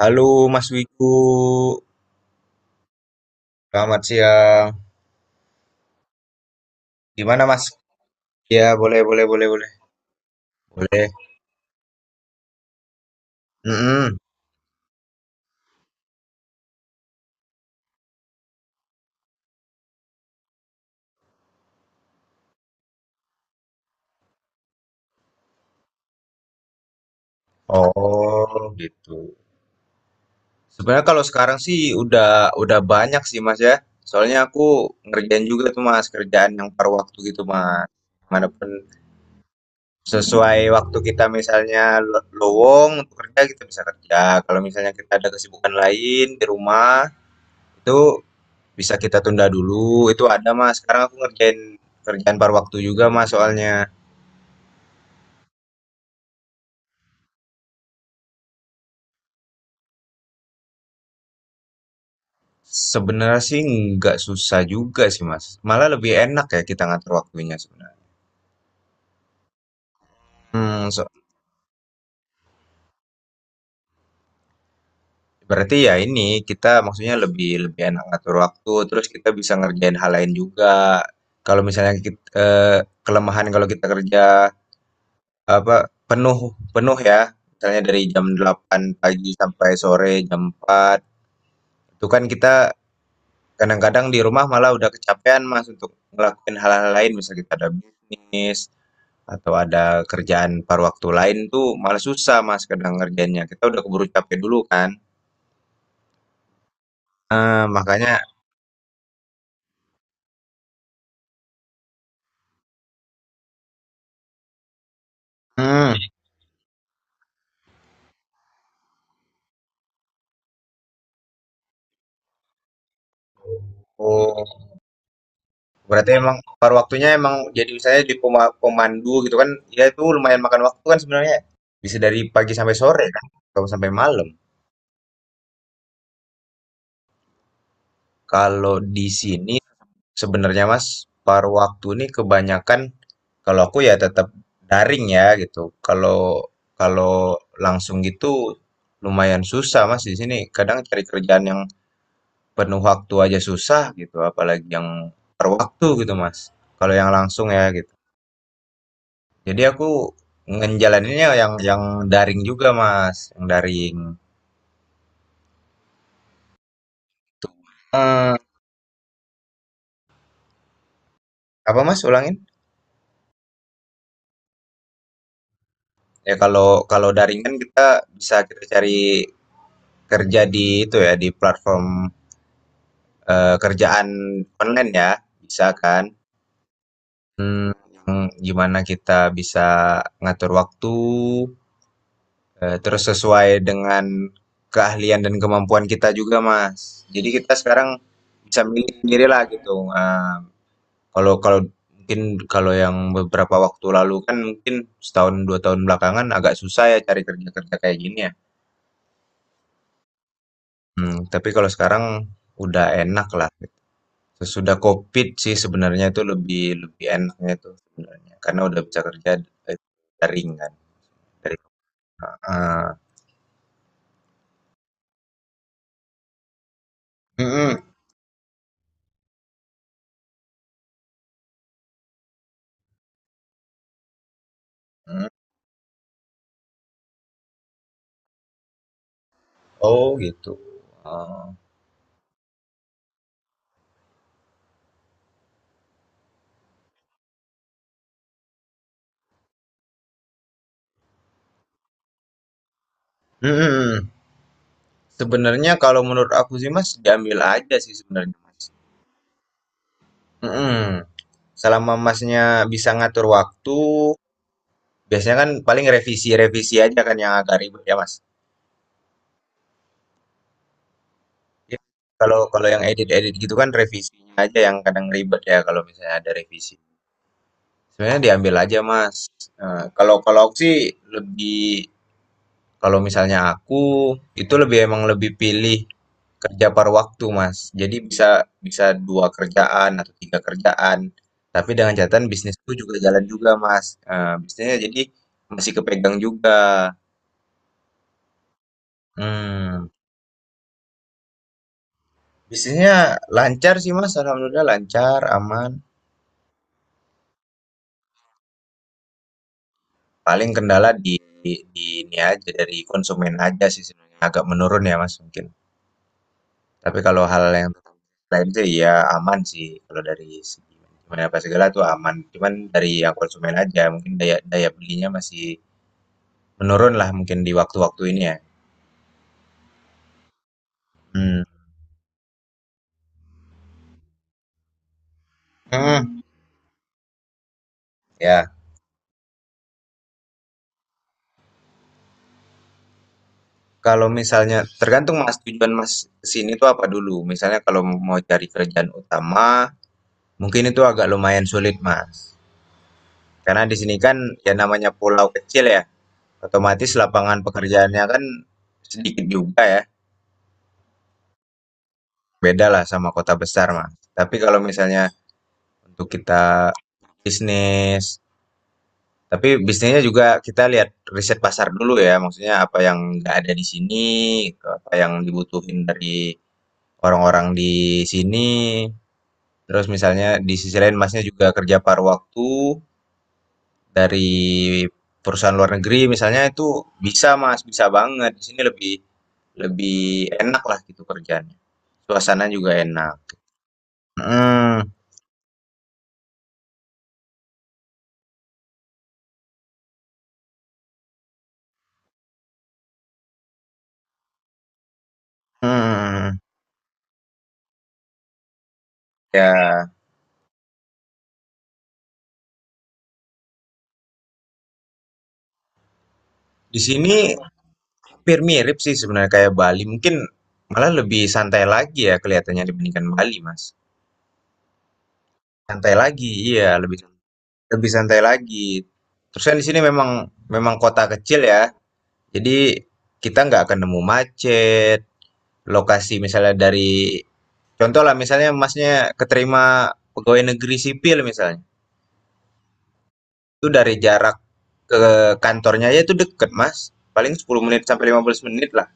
Halo Mas Wiku, selamat siang. Gimana Mas? Ya boleh boleh boleh boleh boleh. Mm-mm. Oh gitu. Sebenarnya kalau sekarang sih udah banyak sih Mas ya. Soalnya aku ngerjain juga tuh Mas kerjaan yang paruh waktu gitu Mas. Manapun sesuai waktu kita misalnya lowong untuk kerja kita bisa kerja. Kalau misalnya kita ada kesibukan lain di rumah itu bisa kita tunda dulu, itu ada, Mas. Sekarang aku ngerjain kerjaan par waktu juga, Mas, soalnya. Sebenarnya sih nggak susah juga sih, Mas. Malah lebih enak ya kita ngatur waktunya sebenarnya. Hmm, berarti ya ini kita maksudnya lebih lebih enak ngatur waktu, terus kita bisa ngerjain hal lain juga. Kalau misalnya kita, kelemahan kalau kita kerja apa penuh penuh ya, misalnya dari jam 8 pagi sampai sore jam 4 itu kan kita kadang-kadang di rumah malah udah kecapean, Mas, untuk ngelakuin hal-hal lain. Misalnya kita ada bisnis atau ada kerjaan paruh waktu lain tuh malah susah, Mas, kadang ngerjainnya. Kita udah keburu capek dulu kan. Makanya mhm, oh, berarti emang paruh waktunya emang jadi misalnya di pemandu gitu kan, ya itu lumayan makan waktu kan sebenarnya. Bisa dari pagi sampai sore kan, atau sampai malam. Kalau di sini sebenarnya Mas, paruh waktu ini kebanyakan kalau aku ya tetap daring ya gitu. Kalau kalau langsung gitu lumayan susah Mas di sini. Kadang cari kerjaan yang penuh waktu aja susah gitu, apalagi yang paruh waktu gitu Mas. Kalau yang langsung ya gitu. Jadi aku ngejalaninnya yang daring juga Mas, yang daring. Tuh. Eh, apa Mas ulangin? Ya kalau kalau daring kan kita bisa kita cari kerja di itu ya di platform kerjaan online ya, bisa kan? Hmm, yang gimana kita bisa ngatur waktu, terus sesuai dengan keahlian dan kemampuan kita juga, Mas. Jadi kita sekarang bisa milih sendiri lah gitu, kalau kalau mungkin kalau yang beberapa waktu lalu kan mungkin setahun, 2 tahun belakangan agak susah ya cari kerja-kerja kayak gini ya. Mmm, tapi kalau sekarang udah enak lah. Sesudah Covid sih sebenarnya itu lebih lebih enaknya tuh sebenarnya, karena udah bisa kerja dari daring kan, dari heeh, mhm mhm. Oh gitu, oh, mhm. Sebenarnya kalau menurut aku sih Mas, diambil aja sih sebenarnya Mas, mhm. Selama Masnya bisa ngatur waktu, biasanya kan paling revisi-revisi aja kan yang agak ribet ya Mas? Iya, kalau kalau yang edit-edit gitu kan revisinya aja yang kadang ribet ya kalau misalnya ada revisi. Sebenarnya diambil aja, Mas. Kalau kalau aku sih lebih kalau misalnya aku itu lebih emang lebih pilih kerja par waktu, Mas. Jadi bisa bisa dua kerjaan atau tiga kerjaan. Tapi dengan catatan bisnisku juga jalan juga, Mas. Bisnisnya jadi masih kepegang juga. Mmm, bisnisnya lancar sih, Mas, alhamdulillah lancar, aman. Paling kendala di di ini aja, dari konsumen aja sih sebenarnya, agak menurun ya, Mas, mungkin. Tapi kalau hal yang lain itu ya aman sih kalau dari segi manajemen apa segala tuh aman. Cuman dari yang konsumen aja mungkin daya daya belinya masih menurun lah mungkin di waktu-waktu ini ya. Hmm. Hmm. Ya. Kalau misalnya tergantung Mas tujuan Mas kesini tuh apa dulu. Misalnya kalau mau cari kerjaan utama mungkin itu agak lumayan sulit Mas. Karena di sini kan ya namanya pulau kecil ya. Otomatis lapangan pekerjaannya kan sedikit juga ya. Beda lah sama kota besar mah. Tapi kalau misalnya untuk kita bisnis, tapi bisnisnya juga kita lihat riset pasar dulu ya, maksudnya apa yang nggak ada di sini, apa yang dibutuhin dari orang-orang di sini. Terus misalnya di sisi lain Masnya juga kerja paruh waktu dari perusahaan luar negeri misalnya itu bisa Mas, bisa banget. Di sini lebih lebih enak lah gitu kerjanya. Suasana juga enak. Mhm, mhm. Ya, di sini hampir mirip sih sebenarnya kayak Bali. Mungkin malah lebih santai lagi ya kelihatannya dibandingkan Bali, Mas. Santai lagi, iya, lebih lebih santai lagi. Terus kan di sini memang memang kota kecil ya. Jadi kita nggak akan nemu macet. Lokasi misalnya dari contoh lah misalnya Masnya keterima pegawai negeri sipil misalnya. Itu dari jarak ke kantornya aja itu deket, Mas. Paling 10 menit sampai 15 menit lah.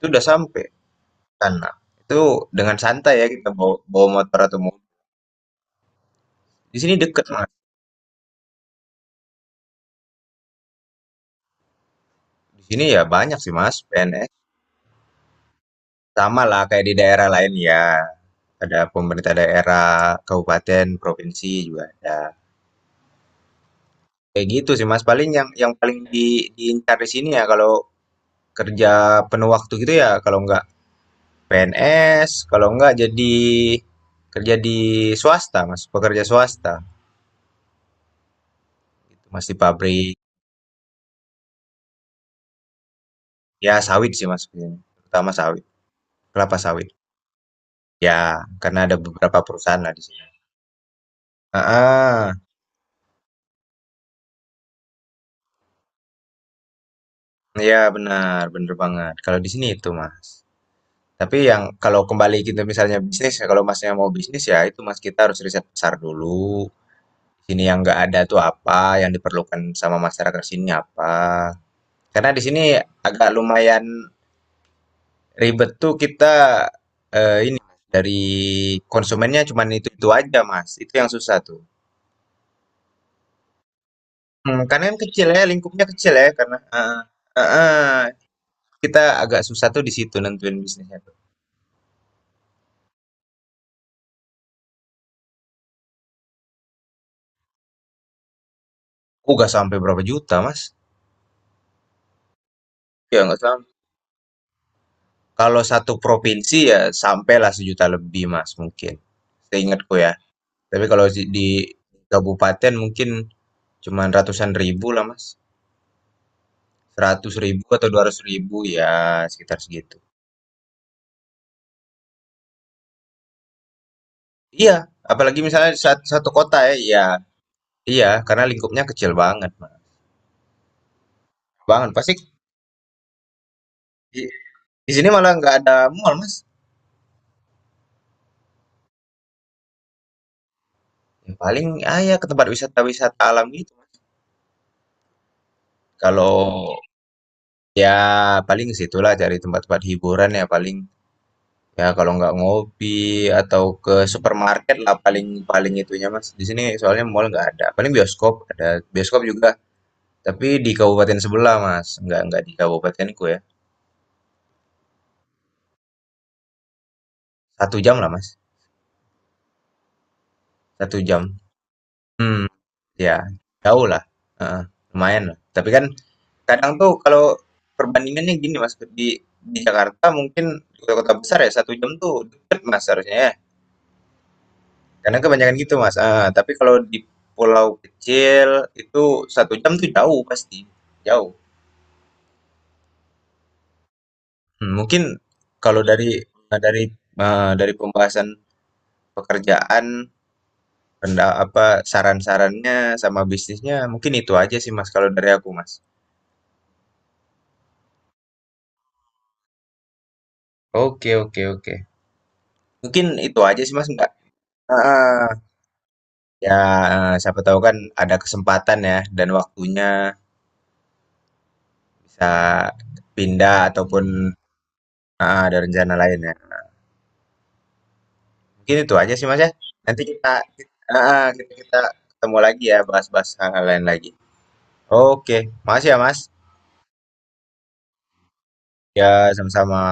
Itu udah sampai. Tanah. Itu dengan santai ya kita bawa, bawa motor atau mobil. Di sini deket Mas. Di sini ya banyak sih Mas PNS. Sama lah kayak di daerah lain ya. Ada pemerintah daerah, kabupaten, provinsi juga ada. Kayak gitu sih Mas. Paling yang paling di, diincar di sini ya kalau kerja penuh waktu gitu ya kalau nggak PNS, kalau nggak jadi kerja di swasta Mas, pekerja swasta. Gitu, Mas di pabrik. Ya sawit sih Mas, terutama sawit, kelapa sawit. Ya, karena ada beberapa perusahaan lah di sini. Ah, ya benar, bener banget. Kalau di sini itu, Mas. Tapi yang kalau kembali gitu misalnya bisnis, ya kalau Masnya mau bisnis ya itu Mas kita harus riset pasar dulu. Di sini yang nggak ada tuh apa, yang diperlukan sama masyarakat sini apa. Karena di sini agak lumayan ribet tuh kita eh, dari konsumennya cuman itu-itu aja, Mas. Itu yang susah tuh. Hmm, karena kan kecil ya, lingkupnya kecil ya karena heeh, heeh, kita agak susah tuh di situ nentuin bisnisnya tuh. Oh, nggak sampai berapa juta, Mas. Ya nggak sam kalau satu provinsi ya sampailah sejuta lebih, Mas, mungkin. Seingatku ya. Tapi kalau di kabupaten mungkin cuman ratusan ribu lah, Mas. 100 ribu atau 200 ribu ya sekitar segitu. Iya, apalagi misalnya satu kota ya, iya. Iya, karena lingkupnya kecil banget, Mas. Banget. Pasti di, di sini malah nggak ada mall, Mas. Yang paling ah ya ke tempat wisata-wisata alam gitu, Mas. Kalau ya, paling situlah cari tempat-tempat hiburan ya paling. Ya kalau nggak ngopi atau ke supermarket lah paling paling itunya Mas. Di sini soalnya mall nggak ada. Paling bioskop ada bioskop juga, tapi di kabupaten sebelah Mas. Nggak di kabupatenku ya. Satu jam lah Mas. Satu jam. Hmm, ya jauh lah. Heeh, lumayan lah. Tapi kan kadang tuh kalau perbandingannya gini Mas di Jakarta mungkin di kota-kota besar ya satu jam tuh deket Mas harusnya ya. Karena kebanyakan gitu, Mas, ah tapi kalau di pulau kecil itu satu jam tuh jauh pasti, jauh. Mmm, mungkin kalau dari, ah, dari, dari pembahasan pekerjaan, renda apa, saran-sarannya sama bisnisnya mungkin itu aja sih, Mas, kalau dari aku, Mas. Oke oke oke. Mungkin itu aja sih, Mas, nggak ah ya, siapa tahu kan ada kesempatan ya dan waktunya bisa pindah ataupun heeh, ada rencana lain ya. Mungkin itu aja sih Mas ya. Nanti kita ah, kita ketemu lagi ya bahas-bahas hal lain lagi. Oke, makasih ya Mas. Ya, sama-sama.